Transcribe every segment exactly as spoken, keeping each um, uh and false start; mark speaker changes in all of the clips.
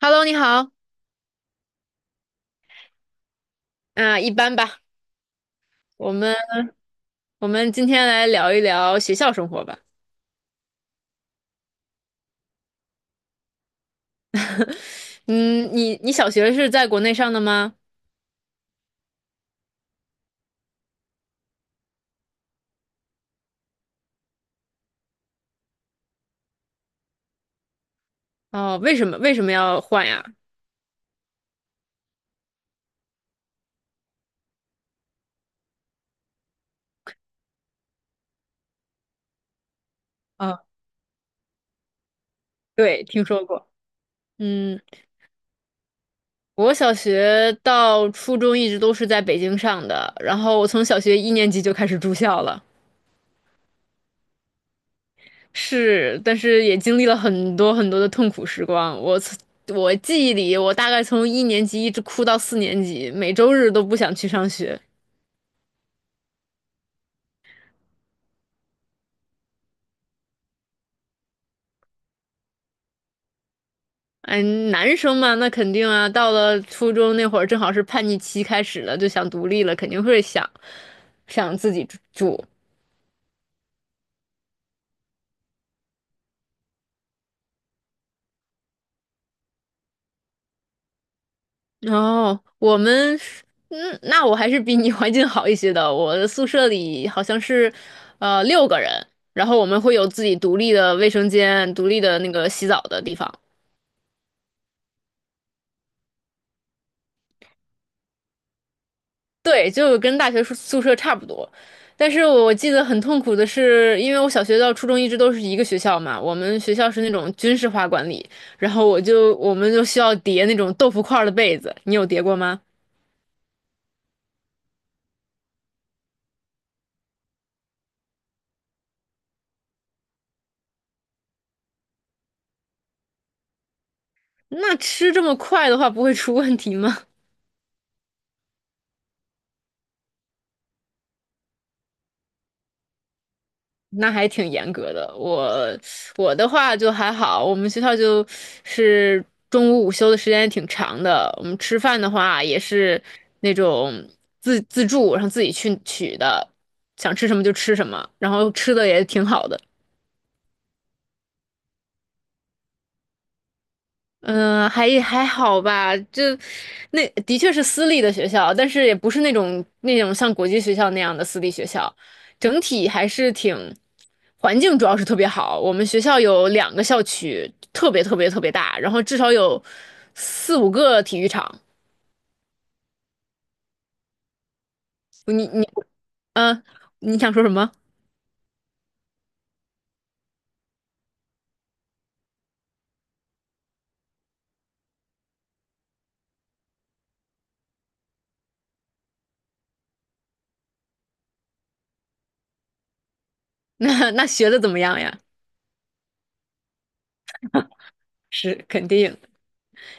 Speaker 1: Hello，你好，啊，一般吧。我们我们今天来聊一聊学校生活吧。嗯，你你小学是在国内上的吗？哦，为什么为什么要换呀？啊，对，听说过。嗯，我小学到初中一直都是在北京上的，然后我从小学一年级就开始住校了。是，但是也经历了很多很多的痛苦时光。我从我记忆里，我大概从一年级一直哭到四年级，每周日都不想去上学。嗯，男生嘛，那肯定啊，到了初中那会儿，正好是叛逆期开始了，就想独立了，肯定会想想自己住。哦，我们是嗯，那我还是比你 环境好一些的。我的宿舍里好像是，呃，六个人，然后我们会有自己独立的卫生间、独立的那个洗澡的地方。对，就跟大学宿宿舍差不多。但是我记得很痛苦的是，因为我小学到初中一直都是一个学校嘛，我们学校是那种军事化管理，然后我就我们就需要叠那种豆腐块儿的被子，你有叠过吗？那吃这么快的话，不会出问题吗？那还挺严格的。我我的话就还好，我们学校就是中午午休的时间也挺长的。我们吃饭的话也是那种自自助，然后自己去取的，想吃什么就吃什么，然后吃的也挺好的。嗯，还也还好吧，就那的确是私立的学校，但是也不是那种那种像国际学校那样的私立学校，整体还是挺环境主要是特别好。我们学校有两个校区，特别特别特别大，然后至少有四五个体育场。你你嗯，呃你想说什么？那那学的怎么样呀？是肯定。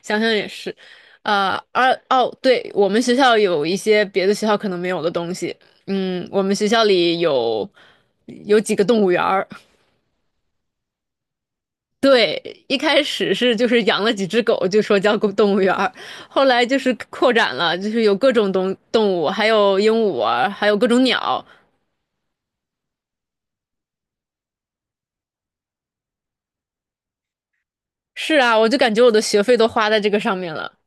Speaker 1: 想想也是，呃，而哦，对，我们学校有一些别的学校可能没有的东西。嗯，我们学校里有有几个动物园儿。对，一开始是就是养了几只狗，就说叫狗动物园儿，后来就是扩展了，就是有各种动动物，还有鹦鹉啊，还有各种鸟。是啊，我就感觉我的学费都花在这个上面了。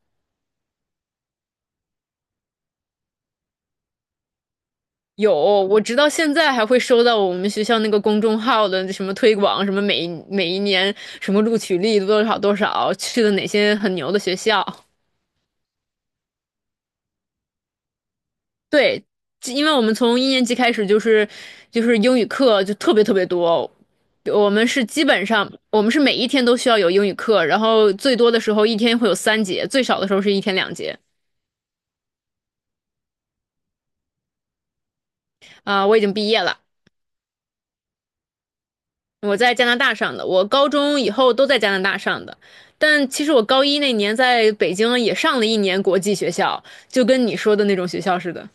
Speaker 1: 有，我直到现在还会收到我们学校那个公众号的什么推广，什么每每一年什么录取率多少多少，去了哪些很牛的学校。对，因为我们从一年级开始就是就是英语课就特别特别多，我们是基本上我们是每一天都需要有英语课，然后最多的时候一天会有三节，最少的时候是一天两节。啊，我已经毕业了。我在加拿大上的，我高中以后都在加拿大上的，但其实我高一那年在北京也上了一年国际学校，就跟你说的那种学校似的。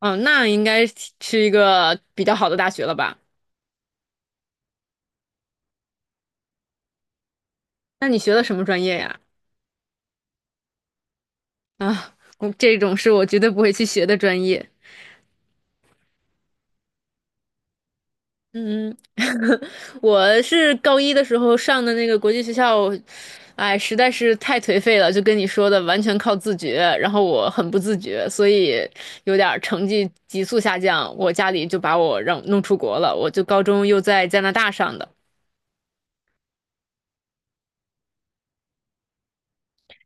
Speaker 1: 哦，那应该是一个比较好的大学了吧？那你学的什么专业呀？啊，我这种是我绝对不会去学的专业。嗯，我是高一的时候上的那个国际学校，哎，实在是太颓废了，就跟你说的，完全靠自觉。然后我很不自觉，所以有点儿成绩急速下降。我家里就把我让弄出国了，我就高中又在加拿大上的。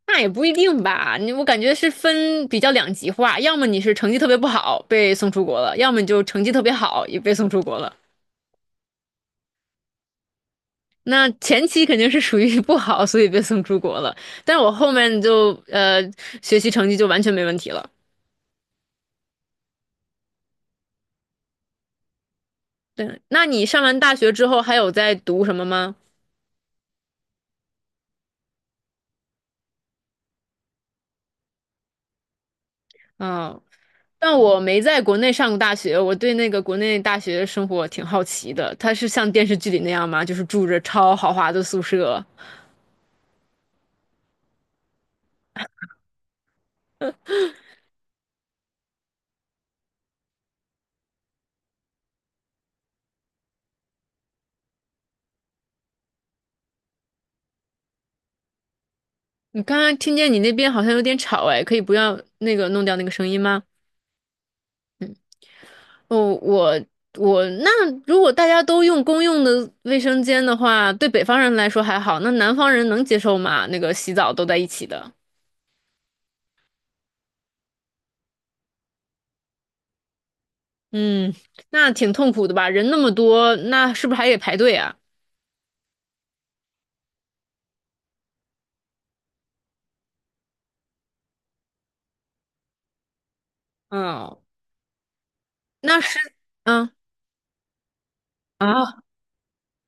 Speaker 1: 那也不一定吧，你我感觉是分比较两极化，要么你是成绩特别不好被送出国了，要么你就成绩特别好也被送出国了。那前期肯定是属于 不好，所以被送出国了。但是我后面就呃学习成绩就完全没问题了。对，那你上完大学之后还有在读什么吗？嗯，但我没在国内上过大学，我对那个国内大学生活挺好奇的。它是像电视剧里那样吗？就是住着超豪华的宿舍？你刚刚听见你那边好像有点吵，哎，可以不要那个弄掉那个声音吗？哦，我我那如果大家都用公用的卫生间的话，对北方人来说还好，那南方人能接受吗？那个洗澡都在一起的，嗯，那挺痛苦的吧？人那么多，那是不是还得排队啊？嗯，那是，嗯啊，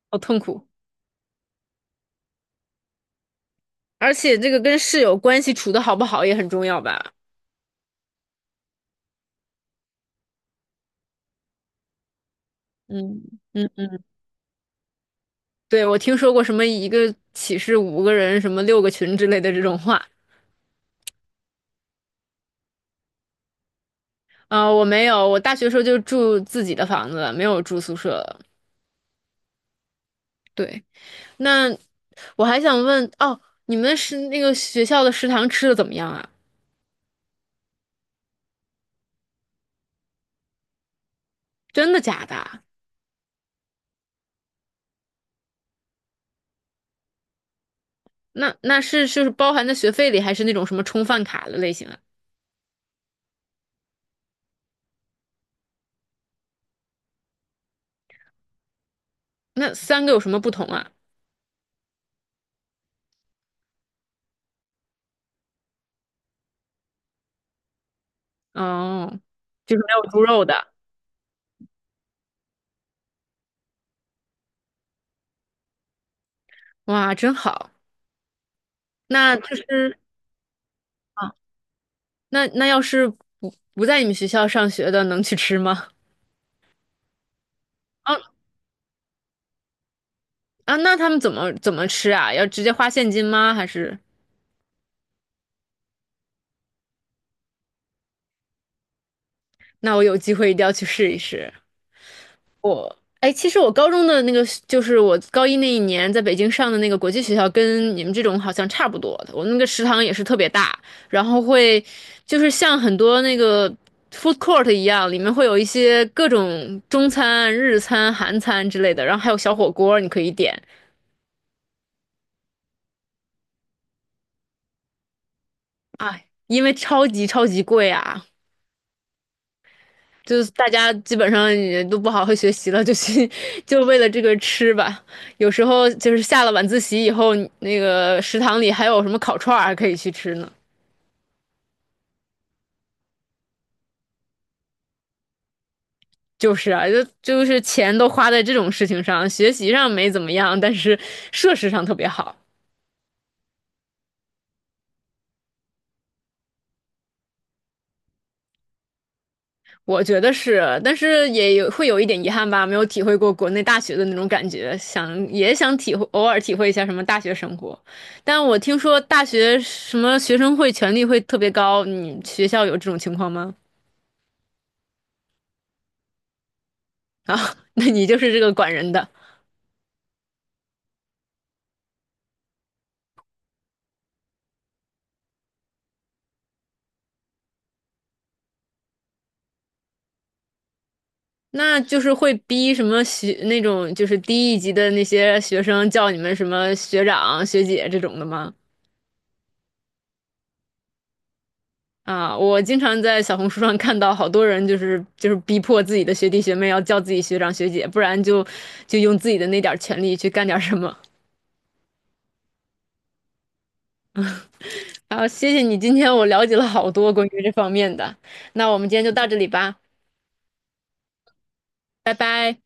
Speaker 1: 好痛苦，而且这个跟室友关系处的好不好也很重要吧？嗯嗯，嗯对，我听说过什么一个寝室五个人，什么六个群之类的这种话。啊，我没有，我大学时候就住自己的房子，没有住宿舍了。对，那我还想问，哦，你们是那个学校的食堂吃的怎么样啊？真的假的啊？那那是就是包含在学费里，还是那种什么充饭卡的类型啊？那三个有什么不同啊？哦，就是没有猪肉的，哇，真好。那就是啊，那那要是不不在你们学校上学的，能去吃吗？啊啊，那他们怎么怎么吃啊？要直接花现金吗？还是？那我有机会一定要去试一试。我，哎，其实我高中的那个，就是我高一那一年在北京上的那个国际学校，跟你们这种好像差不多的。我那个食堂也是特别大，然后会就是像很多那个 food court 一样，里面会有一些各种中餐、日餐、韩餐之类的，然后还有小火锅你可以点。哎，因为超级超级贵啊，就是大家基本上也都不好好学习了，就去 就为了这个吃吧。有时候就是下了晚自习以后，那个食堂里还有什么烤串儿还可以去吃呢。就是啊，就就是钱都花在这种事情上，学习上没怎么样，但是设施上特别好。我觉得是，但是也有会有一点遗憾吧，没有体会过国内大学的那种感觉，想也想体会，偶尔体会一下什么大学生活。但我听说大学什么学生会权力会特别高，你学校有这种情况吗？啊，那你就是这个管人的，那就是会逼什么学那种就是低一级的那些学生叫你们什么学长学姐这种的吗？啊，我经常在小红书上看到好多人，就是就是逼迫自己的学弟学妹要叫自己学长学姐，不然就就用自己的那点儿权利去干点儿什么。啊，谢谢你，今天我了解了好多关于这方面的。那我们今天就到这里吧，拜拜。